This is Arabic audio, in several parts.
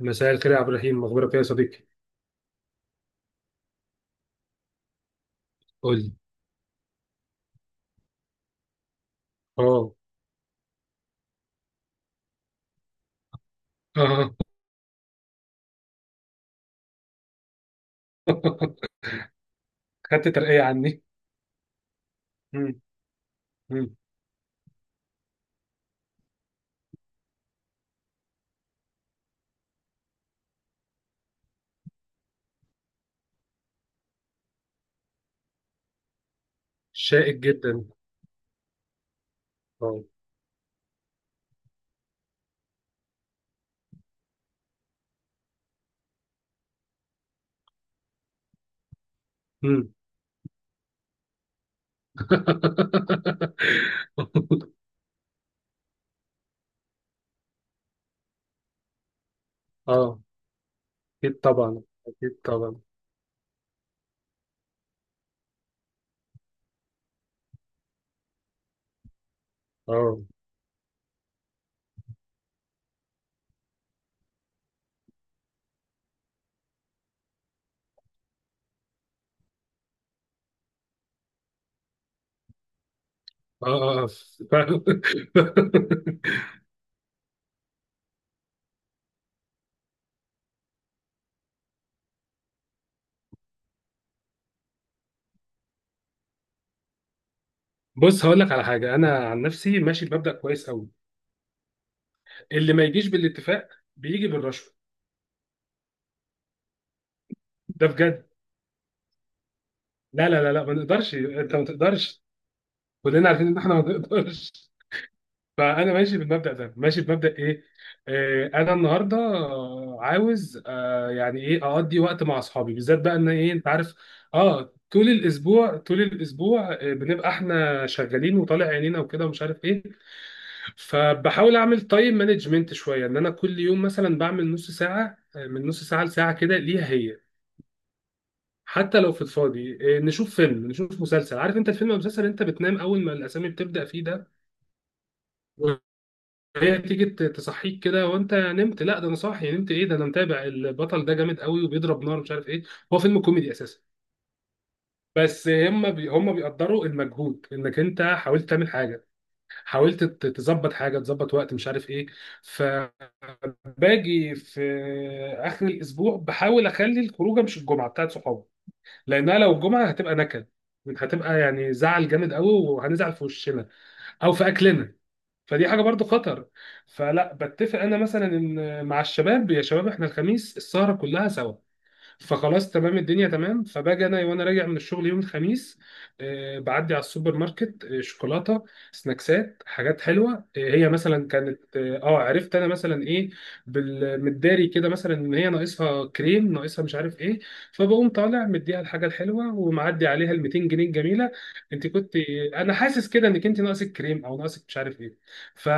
مساء الخير يا عبد الرحيم، مخبرك ايه يا صديقي؟ قول لي. اه، اه. خدت ترقية عني؟ مم. مم. شائك جدا. اه. مم. اه، اكيد طبعا، اكيد طبعا. اه، اه، اه، آه. فعلا. بص، هقول لك على حاجة. انا عن نفسي ماشي بمبدأ كويس قوي: اللي ما يجيش بالاتفاق بيجي بالرشوة. ده بجد. لا لا لا لا، ما نقدرش، انت ما تقدرش. كلنا عارفين ان احنا ما نقدرش. فانا ماشي بالمبدا ده، ماشي بمبدا ايه. انا النهارده عاوز، يعني اقضي وقت مع اصحابي، بالذات بقى ان ايه، انت عارف. اه، طول الاسبوع طول الاسبوع بنبقى احنا شغالين وطالع عينينا وكده ومش عارف ايه. فبحاول اعمل تايم مانجمنت شويه، ان انا كل يوم مثلا بعمل نص ساعه، من نص ساعه لساعه كده ليها هي. حتى لو في الفاضي نشوف فيلم، نشوف مسلسل. عارف انت الفيلم او المسلسل، انت بتنام اول ما الاسامي بتبدا فيه ده. هي تيجي تصحيك كده وانت نمت. لا، ده انا صاحي، نمت ايه؟ ده انا متابع البطل ده، جامد قوي وبيضرب نار مش عارف ايه. هو فيلم كوميدي اساسا. بس هم بي هم بيقدروا المجهود انك انت حاولت تعمل حاجه، حاولت تظبط حاجه، تظبط وقت مش عارف ايه. فباجي في اخر الاسبوع بحاول اخلي الخروجه مش الجمعه بتاعت صحابي، لانها لو الجمعه هتبقى نكد، هتبقى يعني زعل جامد قوي، وهنزعل في وشنا او في اكلنا، فدي حاجه برضو خطر. فلا، بتفق انا مثلا ان مع الشباب، يا شباب احنا الخميس السهره كلها سوا. فخلاص تمام، الدنيا تمام. فباجي انا وانا راجع من الشغل يوم الخميس، بعدي على السوبر ماركت، شوكولاته، سناكسات، حاجات حلوه. هي مثلا كانت، عرفت انا مثلا ايه بالمداري كده، مثلا ان هي ناقصها كريم، ناقصها مش عارف ايه. فبقوم طالع، مديها الحاجه الحلوه، ومعدي عليها ال 200 جنيه الجميله. انت كنت، انا حاسس كده انك انت ناقصك كريم او ناقصك مش عارف ايه. ف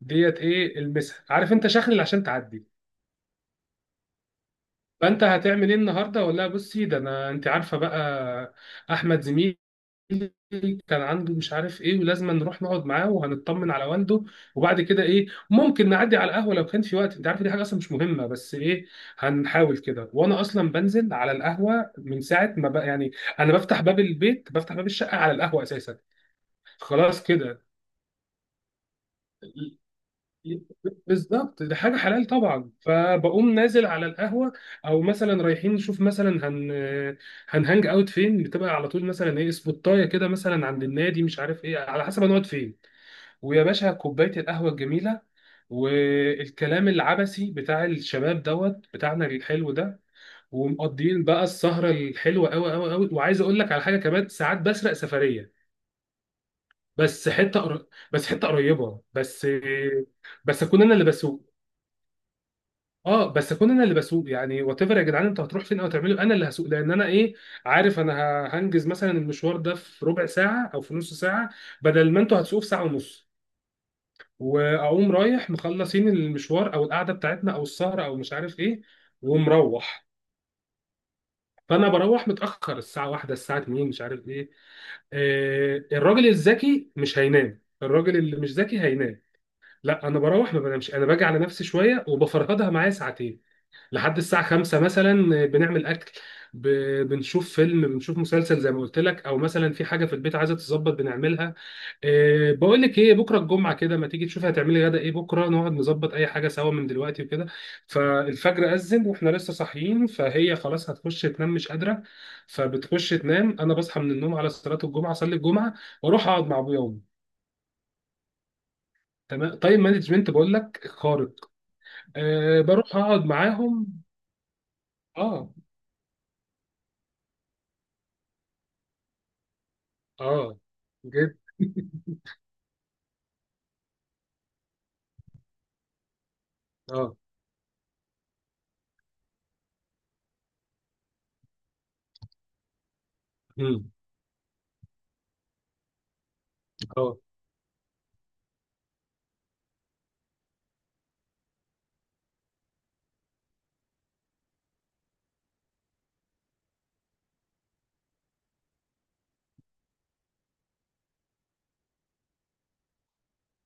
ديت ايه، المسها، عارف انت، شخلل عشان تعدي. فانت هتعمل ايه النهارده؟ ولا بصي، ده انا انت عارفه بقى، احمد زميلي كان عنده مش عارف ايه، ولازم نروح نقعد معاه وهنطمن على والده، وبعد كده ايه، ممكن نعدي على القهوه لو كان في وقت، انت عارفه دي حاجه اصلا مش مهمه، بس ايه هنحاول كده. وانا اصلا بنزل على القهوه من ساعه ما بقى يعني، انا بفتح باب البيت، بفتح باب الشقه على القهوه اساسا. خلاص كده، بالظبط، دي حاجه حلال طبعا. فبقوم نازل على القهوه، او مثلا رايحين نشوف مثلا هنهانج اوت فين، بتبقى على طول مثلا ايه، سبوتايه كده مثلا عند النادي، مش عارف ايه، على حسب هنقعد فين. ويا باشا كوبايه القهوه الجميله، والكلام العبثي بتاع الشباب دوت بتاعنا الحلو ده، ومقضيين بقى السهره الحلوه قوي قوي قوي. وعايز اقول لك على حاجه كمان، ساعات بسرق سفريه، بس بس حته قريبه بس، بس اكون انا اللي بسوق. اه، بس اكون انا اللي بسوق يعني. وات ايفر يا جدعان انتوا هتروحوا فين او تعملوا، انا اللي هسوق، لان انا ايه، عارف انا هنجز مثلا المشوار ده في ربع ساعه او في نص ساعه، بدل ما انتوا هتسوقوا في ساعه ونص، واقوم رايح مخلصين المشوار او القعده بتاعتنا او السهره او مش عارف ايه، ومروح. فانا بروح متاخر، الساعه واحدة، الساعه 2، مش عارف ايه. الراجل الذكي مش هينام، الراجل اللي مش ذكي هينام. لا، انا بروح ما بنامش، انا باجي على نفسي شويه وبفرهدها معايا ساعتين لحد الساعة خمسة مثلا. بنعمل أكل، بنشوف فيلم، بنشوف مسلسل زي ما قلت لك، أو مثلا في حاجة في البيت عايزة تتظبط بنعملها. أه بقول لك إيه، بكرة الجمعة كده، ما تيجي تشوفي هتعملي غدا إيه، بكرة نقعد نظبط أي حاجة سوا من دلوقتي وكده. فالفجر أذن وإحنا لسه صاحيين، فهي خلاص هتخش تنام، مش قادرة. فبتخش تنام. أنا بصحى من النوم على صلاة الجمعة، أصلي الجمعة وأروح أقعد مع أبويا وأمي. تمام، تايم مانجمنت، بقول لك خارق. أه بروح أقعد معاهم. أه. أه، جد. اه. امم. اه.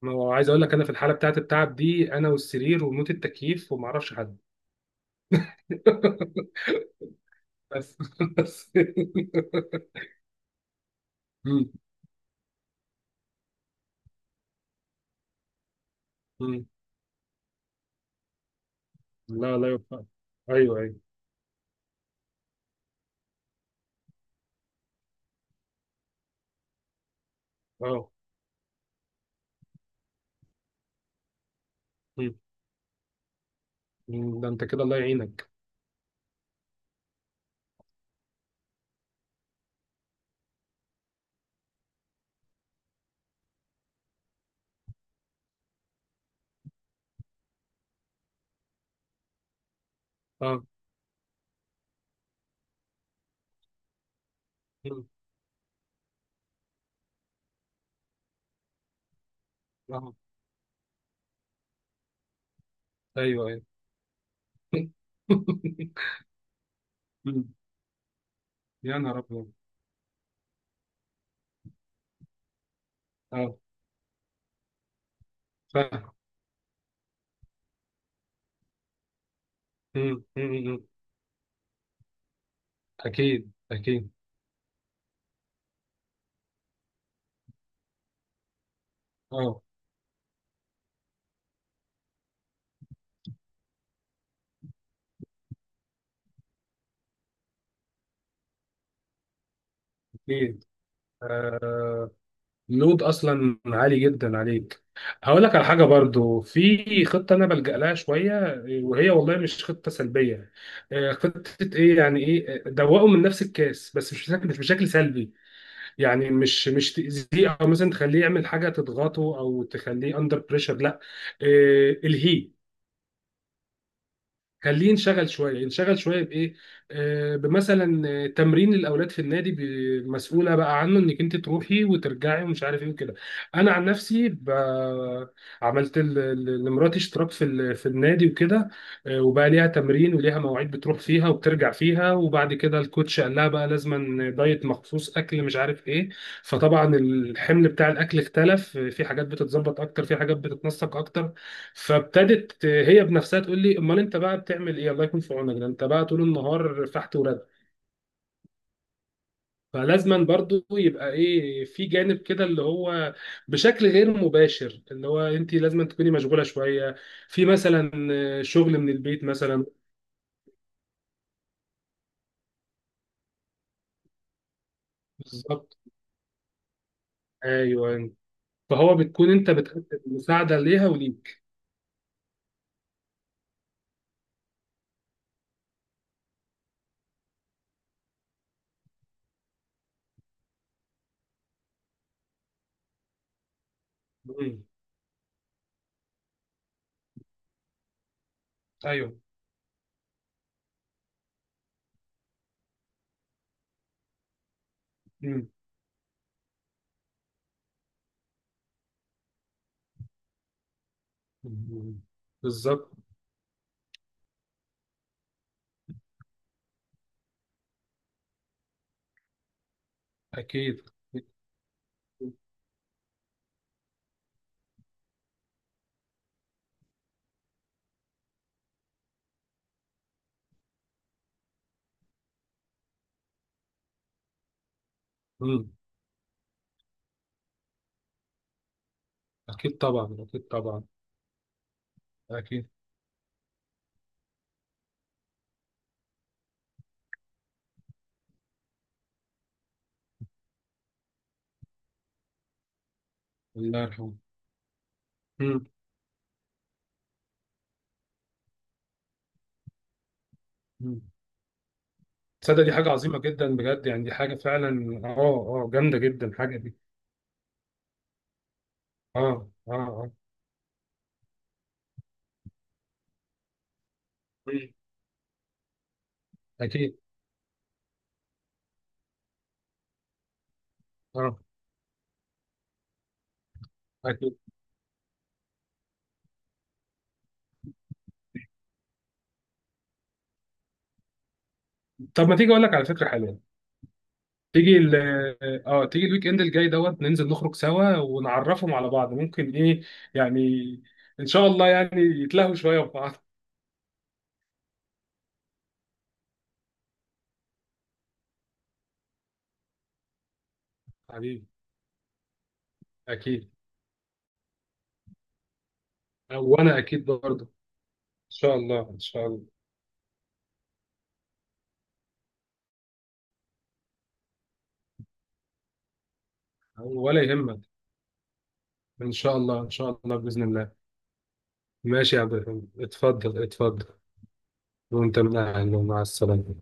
ما هو عايز اقول لك، انا في الحاله بتاعت التعب دي، انا والسرير وموت التكييف، وما اعرفش حد. بس. بس. مم. مم. لا لا، يوفقك. ايوه ايوه. اه. مم. مم. ده انت كده الله يعينك. اه. مم. اه. ايوه ايوه. مم. يا نهار ابيض. اه. فاهم. مم. مم. مم. اكيد اكيد. اه. اكيد. آه. لود اصلا عالي جدا عليك. هقول لك على حاجه برضو، في خطه انا بلجأ لها شويه، وهي والله مش خطه سلبيه. خطه ايه يعني، ايه، دوقه من نفس الكاس، بس مش بشكل، مش بشكل سلبي، يعني مش مش تاذيه، او مثلا تخليه يعمل حاجه تضغطه او تخليه اندر بريشر، لا. الهيه، خليه ينشغل شويه، ينشغل شويه بايه، بمثلا تمرين الاولاد في النادي، مسؤوله بقى عنه، انك انت تروحي وترجعي ومش عارف ايه وكده. انا عن نفسي عملت لمراتي اشتراك في في النادي وكده. آه، وبقى ليها تمرين وليها مواعيد بتروح فيها وبترجع فيها، وبعد كده الكوتش قال لها بقى لازما دايت مخصوص، اكل مش عارف ايه. فطبعا الحمل بتاع الاكل اختلف، في حاجات بتتظبط اكتر، في حاجات بتتنسق اكتر. فابتدت هي بنفسها تقول لي، امال انت بقى بتعمل ايه، الله يكون في عونك، ده انت بقى طول النهار فحت ورد. فلازما برضو يبقى ايه في جانب كده، اللي هو بشكل غير مباشر، اللي هو انت لازما تكوني مشغوله شويه، في مثلا شغل من البيت مثلا. بالظبط. ايوه. فهو بتكون انت بتقدم مساعده ليها وليك. مم. ايوه. مم. مم. بالظبط. اكيد. مم. اكيد طبعا، اكيد طبعا. اكيد. الله يرحمه. مم. تصدق دي حاجة عظيمة جدا بجد، يعني دي حاجة فعلا، اه. اه، جامدة جدا الحاجة دي. اه، اه، اه. مم. أكيد. اه. أكيد. طب ما تيجي أقول لك على فكرة حلوة، تيجي ال اه، تيجي الويك إند الجاي دوت، ننزل نخرج سوا ونعرفهم على بعض، ممكن إيه يعني إن شاء الله يعني يتلهوا شوية في بعض. حبيبي. أكيد. وأنا أكيد برضه، إن شاء الله، إن شاء الله. ولا يهمك. إن شاء الله، إن شاء الله، بإذن الله. ماشي يا عبد الرحيم، اتفضل، اتفضل. وأنت من أهله، مع السلامة.